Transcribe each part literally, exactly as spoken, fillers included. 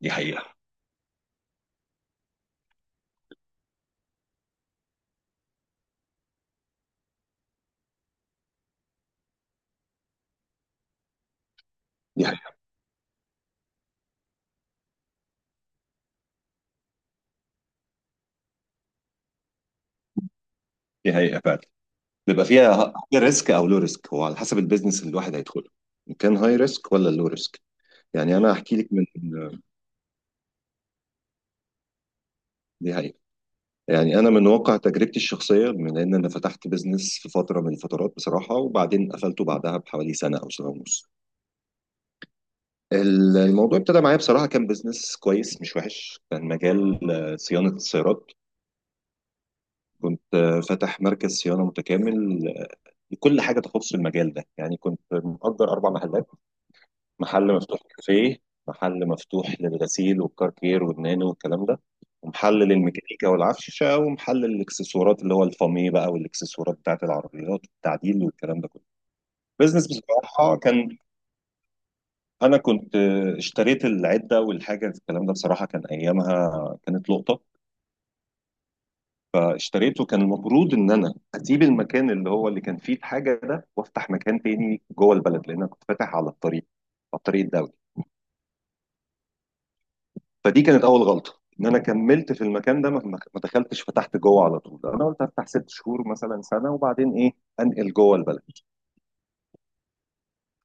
دي حقيقة. دي حقيقة. دي حقيقة فعلا. بيبقى فيها هاي ريسك او لو ريسك، هو على حسب البيزنس اللي الواحد هيدخله، ان كان هاي ريسك ولا لو ريسك. يعني انا هحكي لك من. دي حقيقة. يعني انا من واقع تجربتي الشخصية، من ان انا فتحت بيزنس في فترة من الفترات بصراحة، وبعدين قفلته بعدها بحوالي سنة او سنة ونص. ال- الموضوع ابتدى معايا بصراحة، كان بيزنس كويس مش وحش، كان مجال آه، صيانة السيارات. كنت آه، فاتح مركز صيانة متكامل لكل حاجة تخص المجال ده. يعني كنت مأجر أربع محلات: محل مفتوح كافيه، محل مفتوح للغسيل والكاركير والنانو والكلام ده، ومحل للميكانيكا والعفشة، ومحل للإكسسوارات اللي هو الفامي بقى، والإكسسوارات بتاعت العربيات والتعديل والكلام ده كله. بزنس بصراحة كان. أنا كنت اشتريت العدة والحاجة الكلام ده، بصراحة كان أيامها كانت لقطة. فاشتريته. كان المفروض إن أنا أسيب المكان اللي هو اللي كان فيه الحاجة ده، وأفتح مكان تاني جوه البلد، لأن أنا كنت فاتح على الطريق، على الطريق الدولي. فدي كانت اول غلطه، ان انا كملت في المكان ده. ما ما- ما دخلتش فتحت جوه على طول. انا قلت افتح ست شهور مثلا، سنه، وبعدين ايه انقل جوه البلد.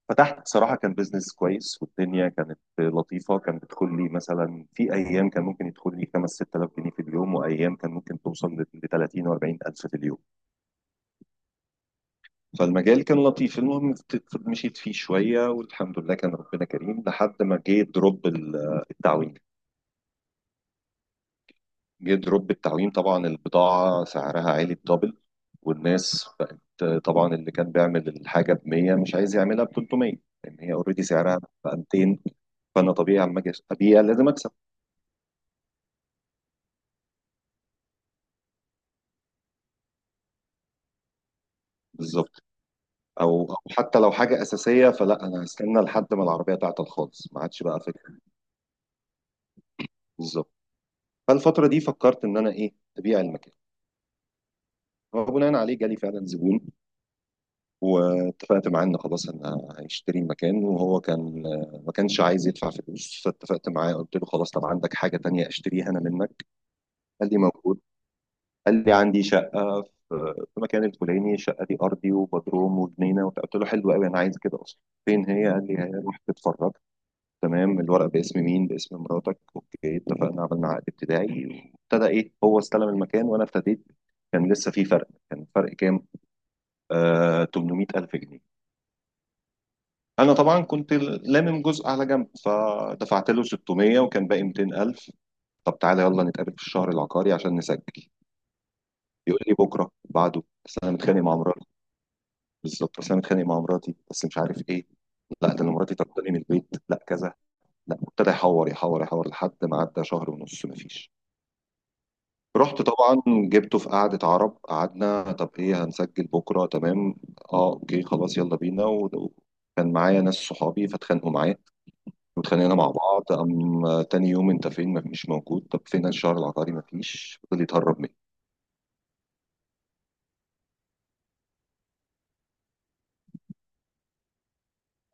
فتحت، صراحه كان بيزنس كويس، والدنيا كانت لطيفه. كان بيدخل لي مثلا في ايام، كان ممكن يدخل لي خمسة ستة آلاف جنيه في اليوم، وايام كان ممكن توصل ل تلاتين و أربعين الف في اليوم. فالمجال كان لطيف. المهم، مشيت فيه شويه، والحمد لله كان ربنا كريم، لحد ما جه دروب التعويم. جه دروب التعويم، طبعا البضاعة سعرها عالي الدبل، والناس بقت طبعا اللي كان بيعمل الحاجة ب مية مش عايز يعملها ب تلتمية، لأن هي اوريدي سعرها بقى مائتين. فأنا طبيعي لما أجي أبيع لازم أكسب. بالظبط. أو أو حتى لو حاجة أساسية، فلا، أنا هستنى لحد ما العربية تعطل خالص، ما عادش بقى فكرة. بالظبط. فالفترة دي فكرت إن أنا إيه، أبيع المكان. وبناء عليه جالي فعلا زبون، واتفقت معاه ان خلاص انا هيشتري مكان، وهو كان ما كانش عايز يدفع فلوس. فاتفقت معاه، قلت له: خلاص، طب عندك حاجه تانية اشتريها انا منك؟ قال لي: موجود. قال لي: عندي شقه في في مكان الفلاني، الشقه دي ارضي وبدروم وجنينه وبتاع. قلت له: حلو قوي، انا عايز كده اصلا. فين هي؟ قال لي: هي روح تتفرج. تمام، الورق باسم مين؟ باسم مراتك. اوكي، اتفقنا، عملنا عقد ابتدائي. وابتدى ايه، هو استلم المكان، وانا ابتديت. كان لسه في فرق، كان فرق كام؟ آه، تمنمية ألف جنيه. انا طبعا كنت لامم جزء على جنب، فدفعت له ستمية، وكان باقي ميتين ألف. طب تعالى يلا نتقابل في الشهر العقاري عشان نسجل. يقول لي: بكره بعده، بس انا متخانق مع مراتي. بالظبط، بس انا متخانق مع مراتي، بس مش عارف ايه، لا ده انا مراتي طرداني من البيت، لا كذا. لا، ابتدى يحور يحور يحور لحد ما عدى شهر ونص مفيش. رحت طبعا جبته في قعدة عرب، قعدنا. طب ايه، هنسجل بكره؟ تمام. اه اوكي خلاص، يلا بينا. و- وكان معايا ناس صحابي، فاتخانقوا معايا، واتخانقنا مع بعض. قام تاني يوم، انت فين؟ ما مش موجود. طب فين الشهر العقاري؟ ما فيش، فضل يتهرب مني.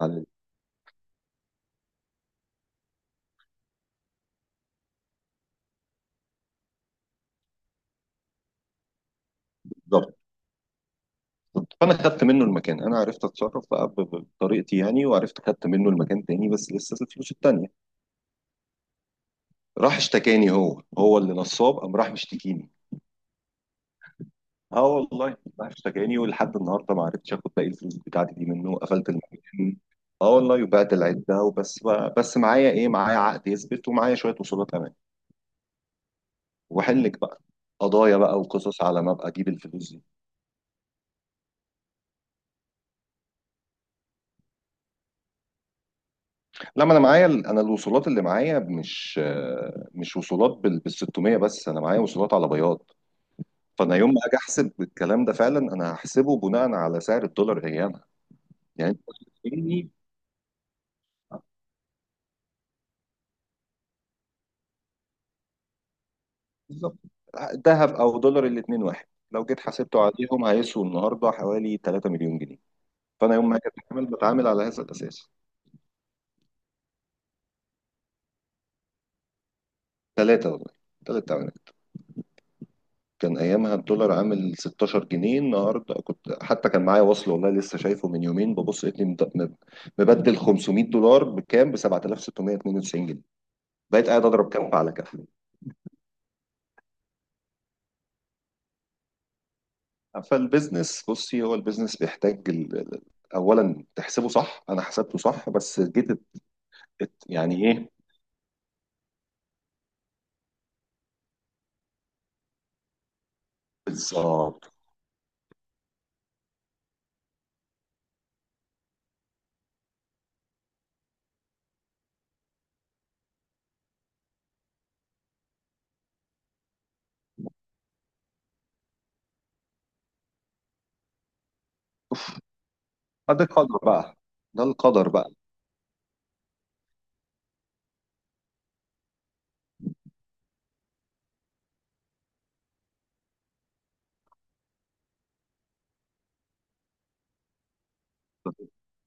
على- بالظبط. فانا خدت منه المكان، انا عرفت اتصرف بقى ب- ب- بطريقتي يعني، وعرفت خدت منه المكان تاني، بس لسه الفلوس التانية. راح اشتكاني، هو هو اللي نصاب، قام راح مشتكيني. اه والله راح اشتكاني، ولحد النهارده ما عرفتش اخد باقي الفلوس بتاعتي دي منه. قفلت المكان، اه والله، وبعت العده، وبس بقى. بس معايا ايه، معايا عقد يثبت، ومعايا شويه وصولات امان. وحلك بقى قضايا بقى وقصص، على ما ابقى اجيب الفلوس دي. لما انا معايا انا الوصولات اللي معايا، مش مش وصولات بال بال ستمية، بس انا معايا وصولات على بياض. فانا يوم ما اجي احسب الكلام ده، فعلا انا هحسبه بناء على سعر الدولار ايامها. يعني انت بتديني- بالظبط. ذهب او دولار الاثنين واحد، لو جيت حسبته عليهم هيسووا النهارده حوالي تلاتة مليون جنيه. فانا يوم ما اجي اتعامل، بتعامل على هذا الاساس. ثلاثه والله، ثلاثه. كان ايامها الدولار عامل ستاشر جنيه. النهارده كنت حتى كان معايا وصل، والله لسه شايفه من يومين، ببص لقيتني مد- مب- مبدل خمسمائة دولار بكام؟ ب سبعة آلاف وستمائة واثنين وتسعين جنيه. بقيت قاعد اضرب كف على كف. فالبيزنس، بصي، هو البيزنس بيحتاج ال- ال- اولا تحسبه صح. انا حسبته صح، بس جيت ات- ات- يعني ايه. بالظبط. ده القدر بقى. ده القدر بقى.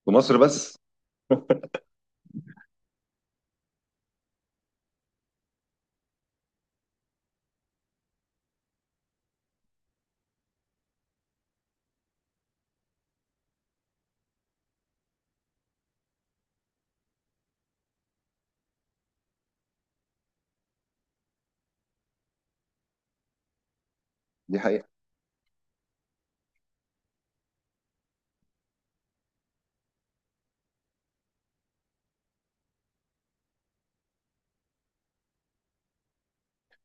في مصر بس. دي حقيقة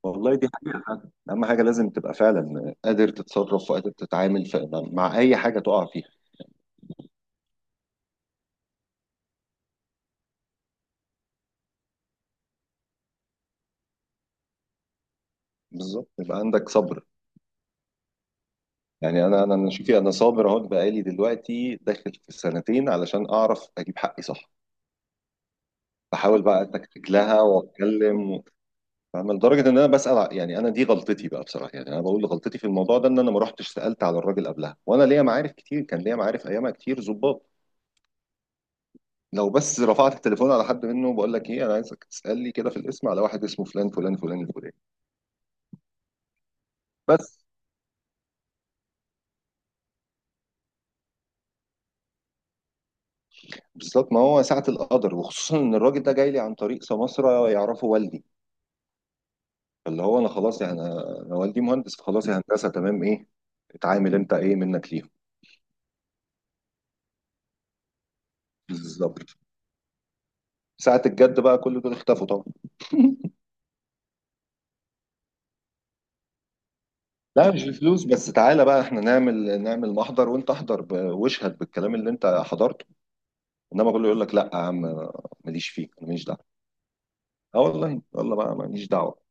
والله، دي حقيقة فعلا. أهم حاجة لازم تبقى فعلا قادر تتصرف وقادر تتعامل ف- مع أي حاجة تقع فيها. بالظبط، يبقى عندك صبر. يعني أنا أنا أنا شوفي، أنا صابر أهو، بقالي دلوقتي داخل في السنتين علشان أعرف أجيب حقي صح. بحاول بقى أتكتك لها وأتكلم و- فاهمة. لدرجة إن أنا بسأل ع- يعني، أنا دي غلطتي بقى بصراحة. يعني أنا بقول غلطتي في الموضوع ده، إن أنا ما رحتش سألت على الراجل قبلها، وأنا ليا معارف كتير، كان ليا معارف أيامها كتير ظباط. لو بس رفعت التليفون على حد منه، بقول لك ايه، انا عايزك تسال لي كده في الاسم على واحد اسمه فلان فلان فلان الفلاني. بس. بالظبط. ما هو ساعه القدر، وخصوصا ان الراجل ده جاي لي عن طريق سماسره يعرفه والدي. فاللي هو انا خلاص يعني، انا أنا والدي مهندس، فخلاص يا هندسه تمام ايه، اتعامل انت، ايه منك ليهم. بالظبط. ساعة الجد بقى كل دول اختفوا طبعا. لا مش بفلوس بس، تعالى بقى احنا نعمل، نعمل محضر وانت احضر ب- واشهد بالكلام اللي انت حضرته. انما كله يقول لك: لا يا عم، ماليش فيه، انا ماليش دعوه. اه والله، والله بقى ماليش دعوه.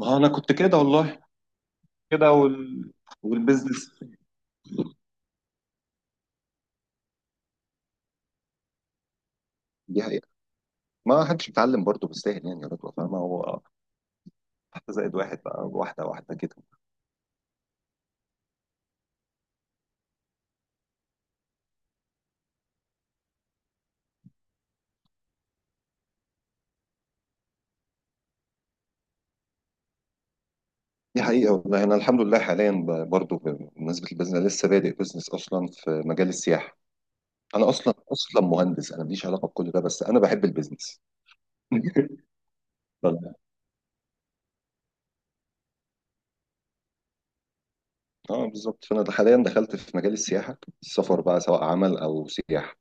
ما هو انا كنت كده والله، كده وال... والبيزنس. دي حقيقة. ما حدش بيتعلم برضه بالساهل، يعني يا رضوى فاهمة. هو واحدة زائد واحد بقى، واحدة واحدة كده. دي حقيقة والله. أنا الحمد لله حاليا ب- برضه بمناسبة البيزنس، أنا لسه بادئ بيزنس أصلا في مجال السياحة. أنا أصلا أصلا مهندس، أنا ماليش علاقة بكل ده، بس أنا بحب البيزنس. اه بالظبط. فأنا حاليا دخلت في مجال السياحة، السفر بقى سواء عمل أو سياحة.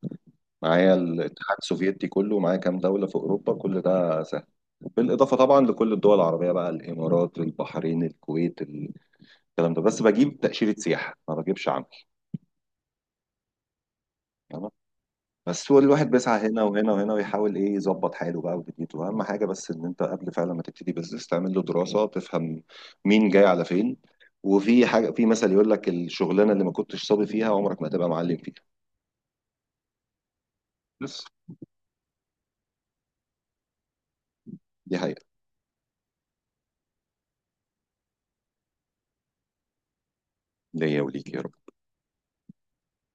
معايا الاتحاد السوفيتي كله، معايا كام دولة في أوروبا، كل ده سهل، بالإضافة طبعا لكل الدول العربية بقى: الإمارات، البحرين، الكويت، الكلام ده. بس بجيب تأشيرة سياحة ما بجيبش عمل. تمام. بس هو الواحد بيسعى هنا وهنا وهنا ويحاول إيه يظبط حاله بقى ودنيته. أهم حاجة بس إن أنت قبل فعلا ما تبتدي بزنس، تعمل له دراسة، تفهم مين جاي على فين. وفي حاجة، في مثل يقول لك: الشغلانة اللي ما كنتش صابي فيها عمرك ما هتبقى معلم فيها. بس. دي حقيقة. ليا وليك يا.